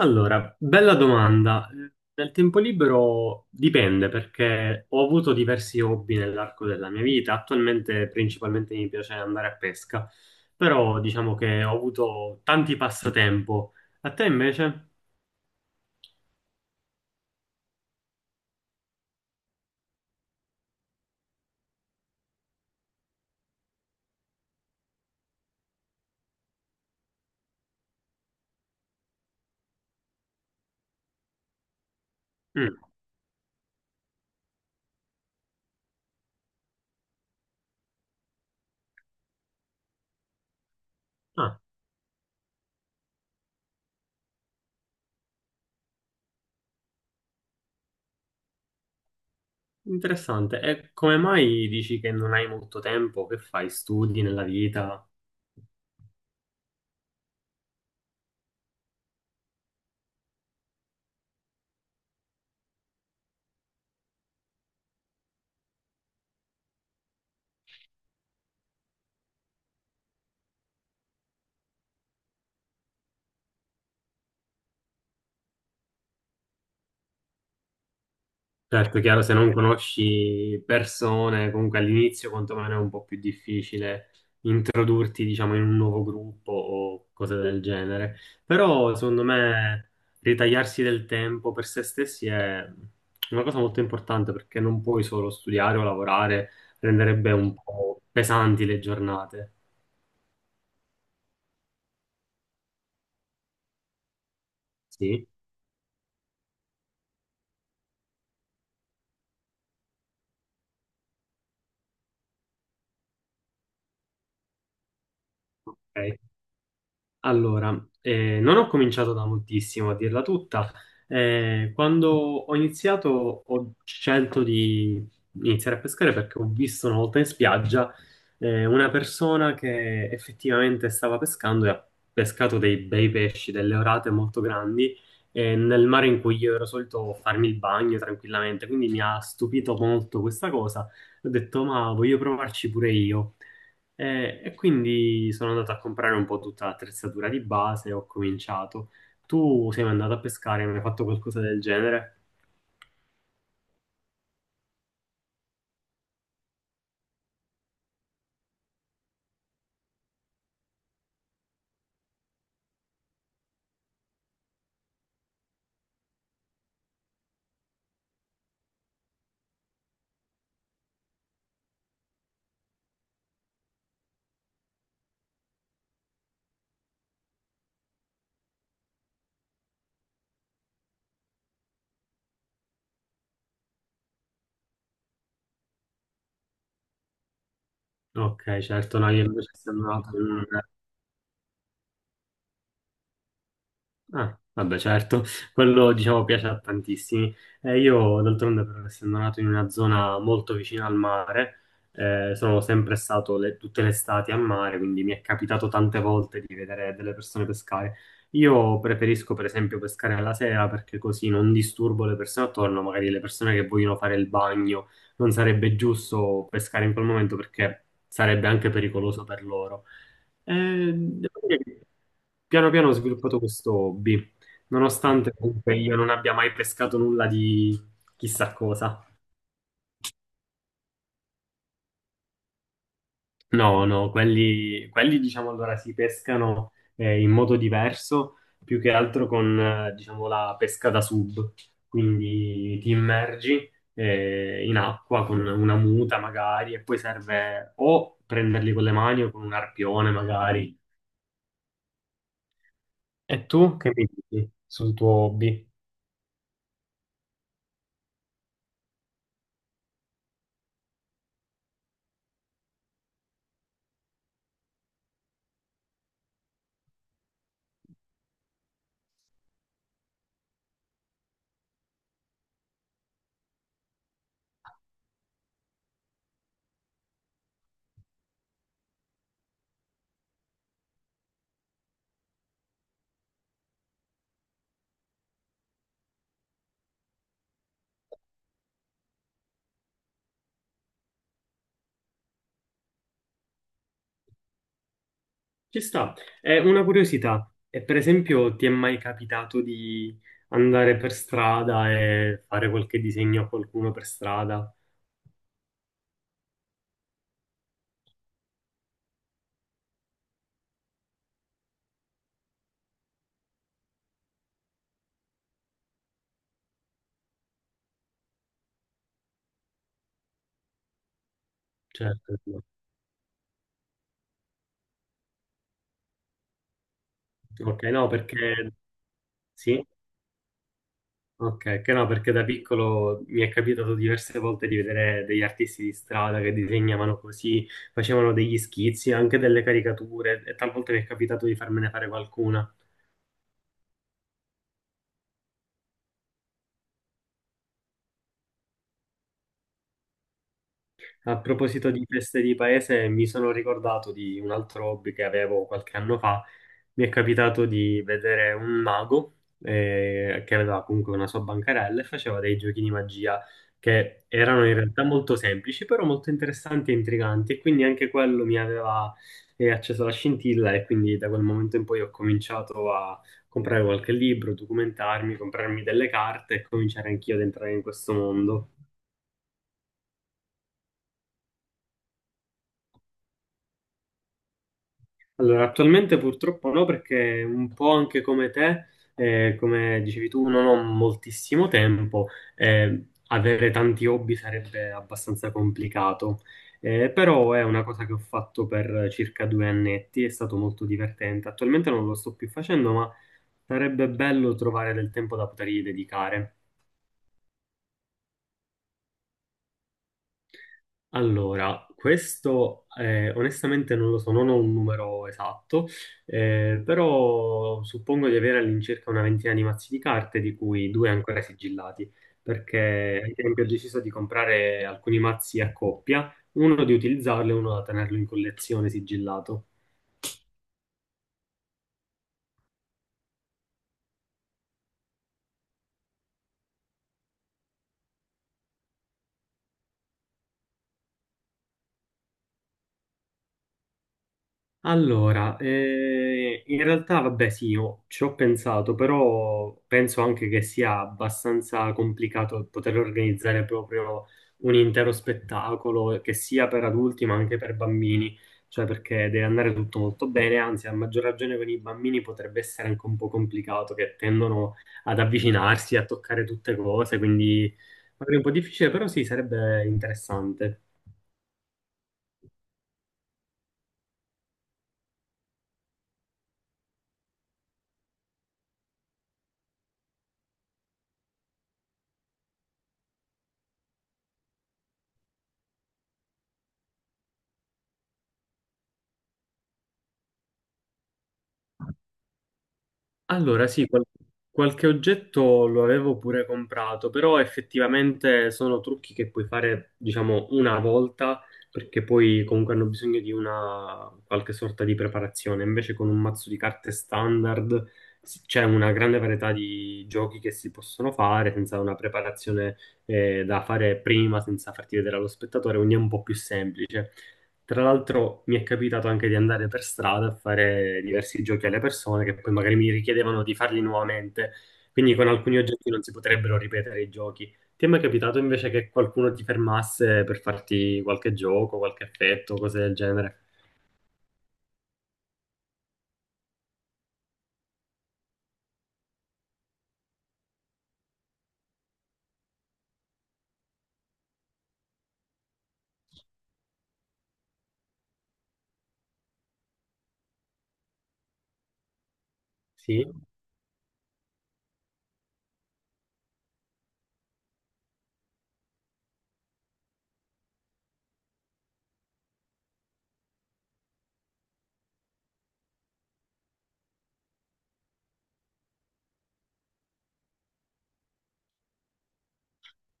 Allora, bella domanda. Nel tempo libero dipende perché ho avuto diversi hobby nell'arco della mia vita. Attualmente principalmente mi piace andare a pesca, però diciamo che ho avuto tanti passatempo. A te invece? Mm. Ah, interessante. E come mai dici che non hai molto tempo? Che fai? Studi nella vita? Certo, chiaro, se non conosci persone, comunque all'inizio quantomeno è un po' più difficile introdurti, diciamo, in un nuovo gruppo o cose del genere. Però, secondo me, ritagliarsi del tempo per se stessi è una cosa molto importante perché non puoi solo studiare o lavorare, renderebbe un po' pesanti le giornate. Sì, ok. Allora, non ho cominciato da moltissimo, a dirla tutta. Quando ho iniziato ho scelto di iniziare a pescare perché ho visto una volta in spiaggia una persona che effettivamente stava pescando e ha pescato dei bei pesci, delle orate molto grandi, nel mare in cui io ero solito farmi il bagno tranquillamente. Quindi mi ha stupito molto questa cosa. Ho detto, ma voglio provarci pure io. E quindi sono andato a comprare un po' tutta l'attrezzatura di base e ho cominciato. Tu sei mai andato a pescare, mi hai fatto qualcosa del genere? Ok, certo, no, io invece sono andato. Ah, vabbè, certo, quello diciamo piace a tantissimi. Io d'altronde, per essendo nato in una zona molto vicina al mare, sono sempre stato tutte le estati a mare, quindi mi è capitato tante volte di vedere delle persone pescare. Io preferisco, per esempio, pescare alla sera perché così non disturbo le persone attorno, magari le persone che vogliono fare il bagno. Non sarebbe giusto pescare in quel momento perché sarebbe anche pericoloso per loro. Devo dire che piano piano ho sviluppato questo hobby, nonostante comunque io non abbia mai pescato nulla di chissà cosa. No, no, quelli, diciamo allora si pescano in modo diverso, più che altro con diciamo la pesca da sub, quindi ti immergi in acqua con una muta magari e poi serve o prenderli con le mani o con un arpione magari. E tu che mi dici sul tuo hobby? Ci sta. È una curiosità. E per esempio, ti è mai capitato di andare per strada e fare qualche disegno a qualcuno per strada? Certo. Ok, no, perché sì. Ok, che no, perché da piccolo mi è capitato diverse volte di vedere degli artisti di strada che disegnavano così, facevano degli schizzi, anche delle caricature, e talvolta mi è capitato di farmene fare qualcuna. A proposito di feste di paese, mi sono ricordato di un altro hobby che avevo qualche anno fa. Mi è capitato di vedere un mago che aveva comunque una sua bancarella e faceva dei giochi di magia che erano in realtà molto semplici, però molto interessanti e intriganti, e quindi anche quello mi aveva acceso la scintilla e quindi da quel momento in poi ho cominciato a comprare qualche libro, documentarmi, comprarmi delle carte e cominciare anch'io ad entrare in questo mondo. Allora, attualmente purtroppo no, perché un po' anche come te, come dicevi tu, non ho moltissimo tempo, avere tanti hobby sarebbe abbastanza complicato. Però è una cosa che ho fatto per circa due annetti, è stato molto divertente. Attualmente non lo sto più facendo, ma sarebbe bello trovare del tempo da potergli dedicare. Allora, questo onestamente non lo so, non ho un numero esatto, però suppongo di avere all'incirca una ventina di mazzi di carte, di cui due ancora sigillati, perché ad esempio ho deciso di comprare alcuni mazzi a coppia, uno di utilizzarlo e uno da tenerlo in collezione sigillato. Allora, in realtà vabbè sì, io ci ho pensato, però penso anche che sia abbastanza complicato poter organizzare proprio un intero spettacolo che sia per adulti ma anche per bambini, cioè perché deve andare tutto molto bene, anzi a maggior ragione con i bambini potrebbe essere anche un po' complicato, che tendono ad avvicinarsi, a toccare tutte cose, quindi magari un po' difficile, però sì, sarebbe interessante. Allora, sì, qualche oggetto lo avevo pure comprato, però effettivamente sono trucchi che puoi fare, diciamo, una volta, perché poi comunque hanno bisogno di una qualche sorta di preparazione. Invece con un mazzo di carte standard c'è una grande varietà di giochi che si possono fare senza una preparazione da fare prima, senza farti vedere allo spettatore, quindi è un po' più semplice. Tra l'altro mi è capitato anche di andare per strada a fare diversi giochi alle persone che poi magari mi richiedevano di farli nuovamente, quindi con alcuni oggetti non si potrebbero ripetere i giochi. Ti è mai capitato invece che qualcuno ti fermasse per farti qualche gioco, qualche effetto, cose del genere? Sì,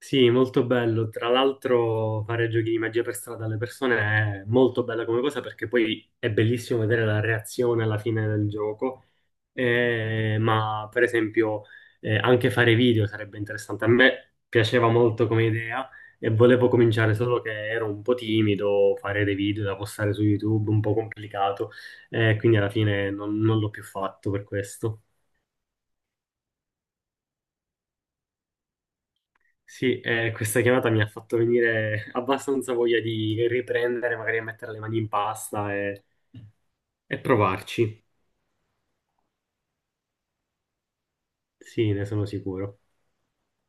sì, molto bello. Tra l'altro fare giochi di magia per strada alle persone è molto bella come cosa perché poi è bellissimo vedere la reazione alla fine del gioco. Ma per esempio anche fare video sarebbe interessante. A me piaceva molto come idea e volevo cominciare, solo che ero un po' timido, fare dei video da postare su YouTube, un po' complicato, quindi alla fine non l'ho più fatto per questo. Sì, questa chiamata mi ha fatto venire abbastanza voglia di riprendere, magari a mettere le mani in pasta e provarci. Sì, ne sono sicuro.